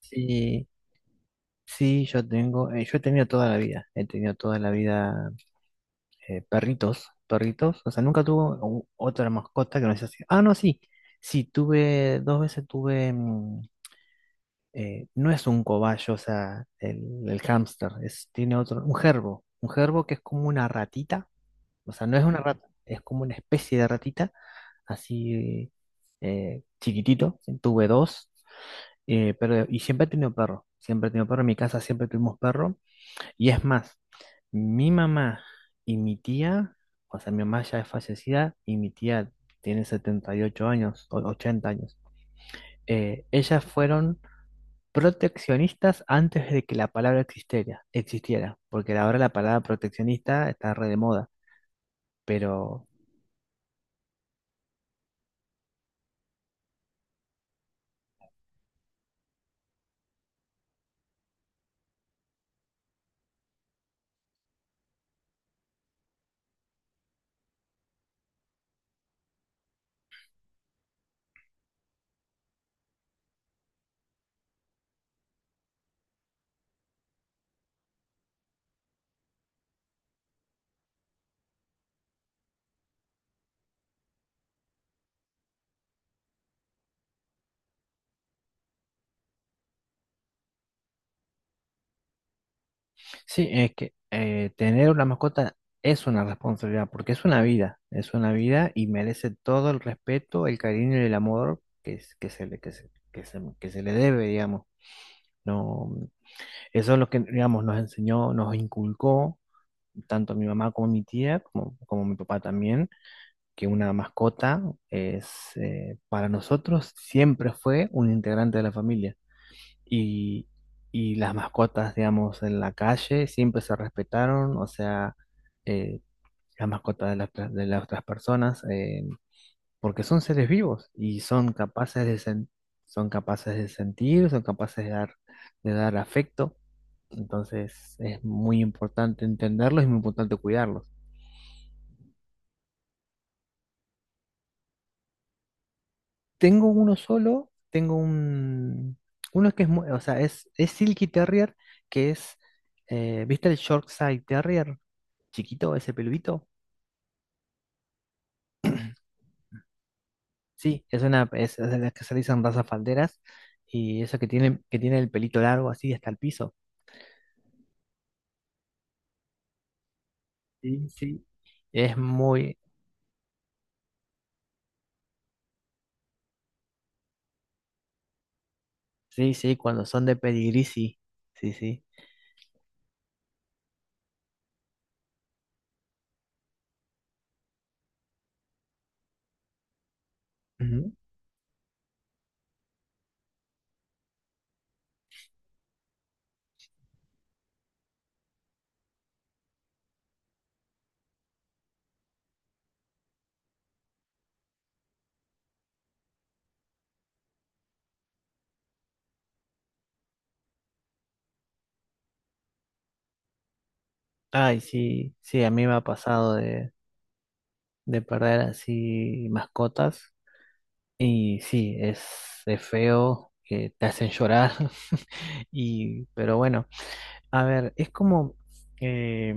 Sí, sí, yo tengo, yo he tenido toda la vida, perritos, o sea, nunca tuve otra mascota que no sea así. Ah, no, sí, sí, tuve, dos veces tuve, no es un cobayo, o sea, el hámster, es, tiene otro, un gerbo que es como una ratita, o sea, no es una rata, es como una especie de ratita, así chiquitito, tuve dos, pero, y siempre he tenido perro, siempre he tenido perro, en mi casa siempre tuvimos perro. Y es más, mi mamá y mi tía, o sea, mi mamá ya es fallecida y mi tía tiene 78 años, o 80 años. Ellas fueron proteccionistas antes de que la palabra existiera, porque ahora la palabra proteccionista está re de moda. Pero sí, es que tener una mascota es una responsabilidad, porque es una vida y merece todo el respeto, el cariño y el amor que, que se le, que se le debe, digamos. No, eso es lo que, digamos, nos enseñó, nos inculcó, tanto mi mamá como mi tía, como mi papá también, que una mascota es, para nosotros siempre fue un integrante de la familia. Y, y las mascotas, digamos, en la calle siempre se respetaron, o sea, eh, las mascotas de de las otras personas, porque son seres vivos y son capaces de, son capaces de sentir, son capaces de dar afecto. Entonces es muy importante entenderlos y muy importante cuidarlos. Tengo uno solo, tengo un... Uno que es, o sea, es Silky Terrier, que es, ¿viste el Yorkshire Terrier? Chiquito, ese peludito. Sí, es una, es de las que se dicen razas falderas y eso que tiene el pelito largo así hasta el piso. Sí, sí. Es muy, sí, sí, cuando son de pedigrí, sí, sí, sí. Ujú. Ay, sí, sí, a mí me ha pasado de perder así mascotas y sí, es feo, que te hacen llorar y, pero bueno, a ver, eh,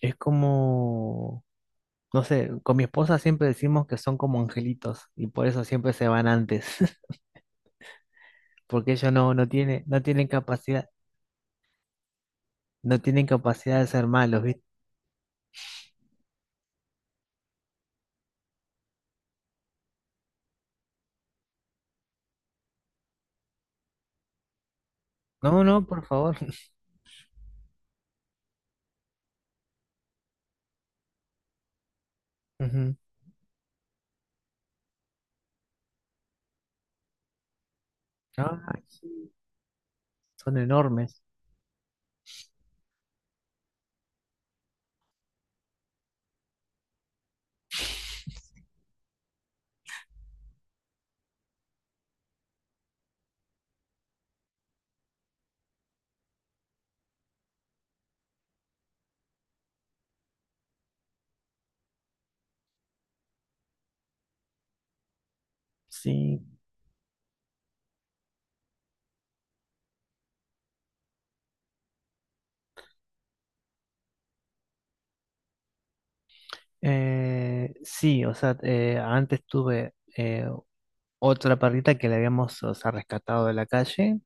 es como, no sé, con mi esposa siempre decimos que son como angelitos y por eso siempre se van antes, porque ellos no, no tienen, no tienen capacidad, no tienen capacidad de ser malos, ¿viste? No, no, por favor. Ujú. Ah, sí, son enormes. Sí. Sí, o sea, antes tuve otra perrita que la habíamos, o sea, rescatado de la calle.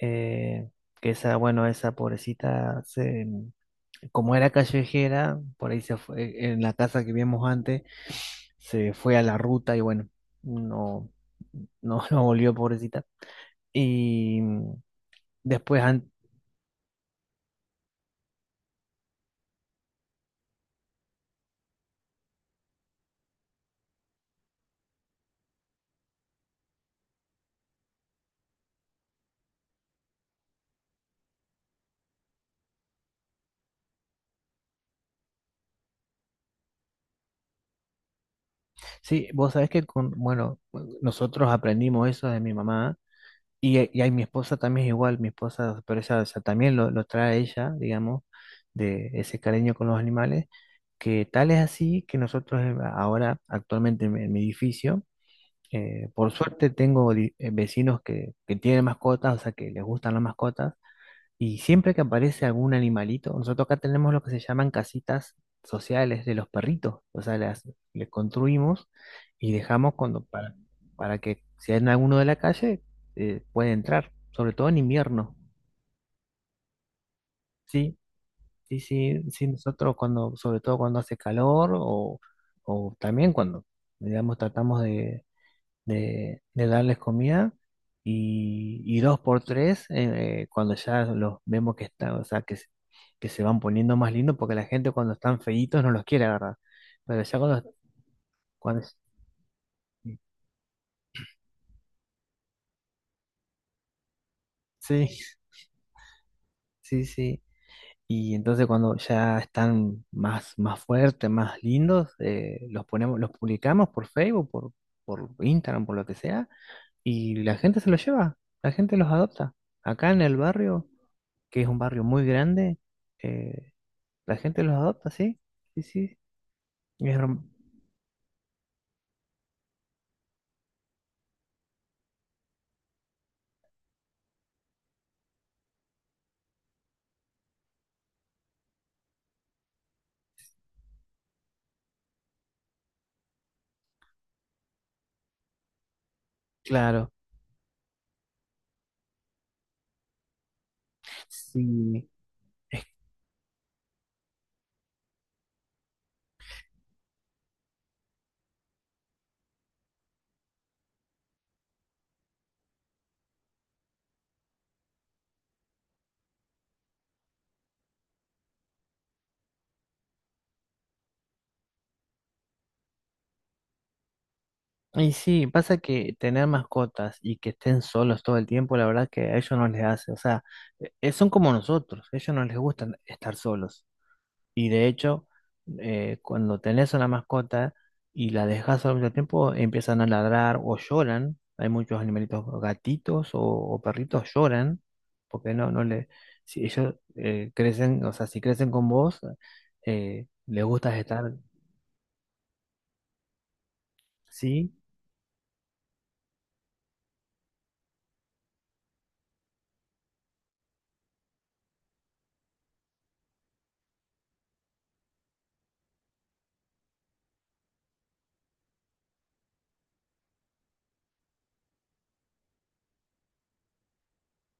eh, que esa, bueno, esa pobrecita, se, como era callejera, por ahí se fue, en la casa que vimos antes, se fue a la ruta y bueno, no, no, no volvió, pobrecita. Y después, sí, vos sabés que con, bueno, nosotros aprendimos eso de mi mamá y ahí mi esposa también es igual, mi esposa, pero esa también lo trae ella, digamos, de ese cariño con los animales, que tal es así que nosotros ahora actualmente en mi edificio, por suerte tengo vecinos que tienen mascotas, o sea, que les gustan las mascotas. Y siempre que aparece algún animalito, nosotros acá tenemos lo que se llaman casitas sociales de los perritos. O sea, las, les construimos y dejamos cuando, para que si hay alguno de la calle, puede entrar, sobre todo en invierno. Sí, sí, sí, sí, nosotros cuando, sobre todo cuando hace calor o también cuando, digamos, tratamos de darles comida y dos por tres cuando ya los vemos que están, o sea, que, que se van poniendo más lindos porque la gente cuando están feitos no los quiere agarrar. Pero ya cuando, cuando sí, sí, sí. Y entonces cuando ya están más, más fuertes, más lindos, los ponemos, los publicamos por Facebook, por Instagram, por lo que sea, y la gente se los lleva, la gente los adopta. Acá en el barrio, que es un barrio muy grande, eh, la gente los adopta, sí. Sí, sí. Es herm- claro. Sí. Y sí, pasa que tener mascotas y que estén solos todo el tiempo, la verdad que a ellos no les hace. O sea, son como nosotros, a ellos no les gusta estar solos. Y de hecho, cuando tenés una mascota y la dejas al mucho tiempo, empiezan a ladrar o lloran. Hay muchos animalitos, gatitos o perritos lloran, porque no, no le, si ellos crecen, o sea, si crecen con vos, les gusta estar, sí,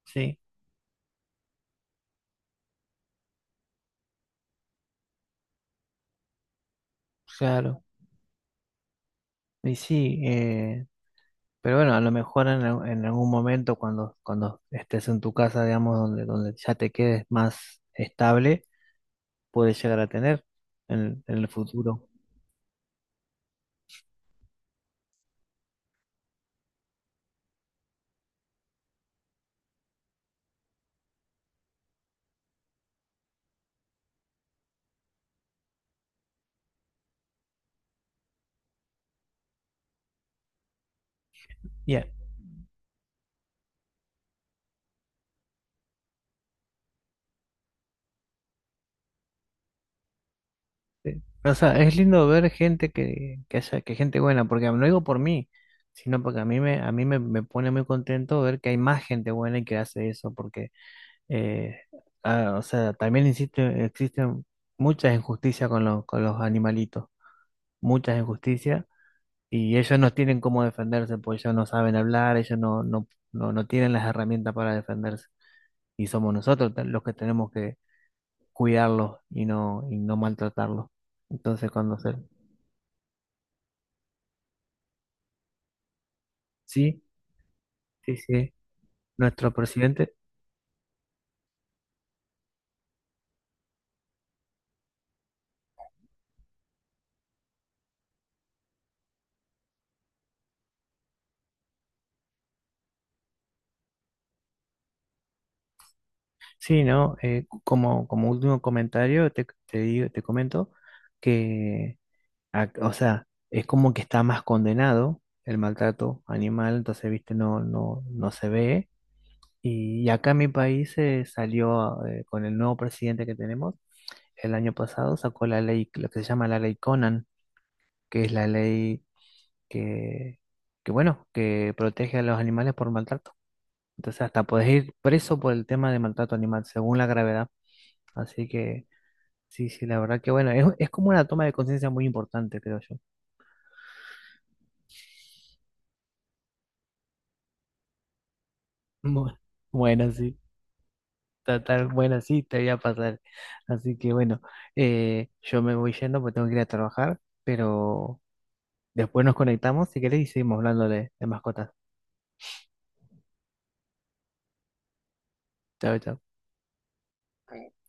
sí, claro, y sí, pero bueno, a lo mejor en, en algún momento cuando, cuando estés en tu casa, digamos, donde, donde ya te quedes más estable puede llegar a tener en el futuro. Ya, o sea, es lindo ver gente que haya, que gente buena, porque no digo por mí, sino porque a mí me, me pone muy contento ver que hay más gente buena y que hace eso, porque eh, o sea, también insisto, existen muchas injusticias con los animalitos, muchas injusticias, y ellos no tienen cómo defenderse, porque ellos no saben hablar, ellos no, no, no, no tienen las herramientas para defenderse. Y somos nosotros los que tenemos que, cuidarlos y no maltratarlos. Entonces, cuando se... Sí, sí, sí. Nuestro presidente. Sí, ¿no? Como, como último comentario, te digo, te comento que, o sea, es como que está más condenado el maltrato animal, entonces, viste, no, no, no se ve. Y acá en mi país se salió con el nuevo presidente que tenemos el año pasado, sacó la ley, lo que se llama la ley Conan, que es la ley que, que bueno, que protege a los animales por maltrato. Entonces hasta podés ir preso por el tema de maltrato animal, según la gravedad. Así que sí, sí, la verdad que bueno, es como una toma de conciencia muy importante, creo yo. Bu- Bueno, sí, ta- bueno, sí, te voy a pasar. Así que bueno, yo me voy yendo porque tengo que ir a trabajar, pero después nos conectamos si querés y seguimos hablando de mascotas. Chao, chao.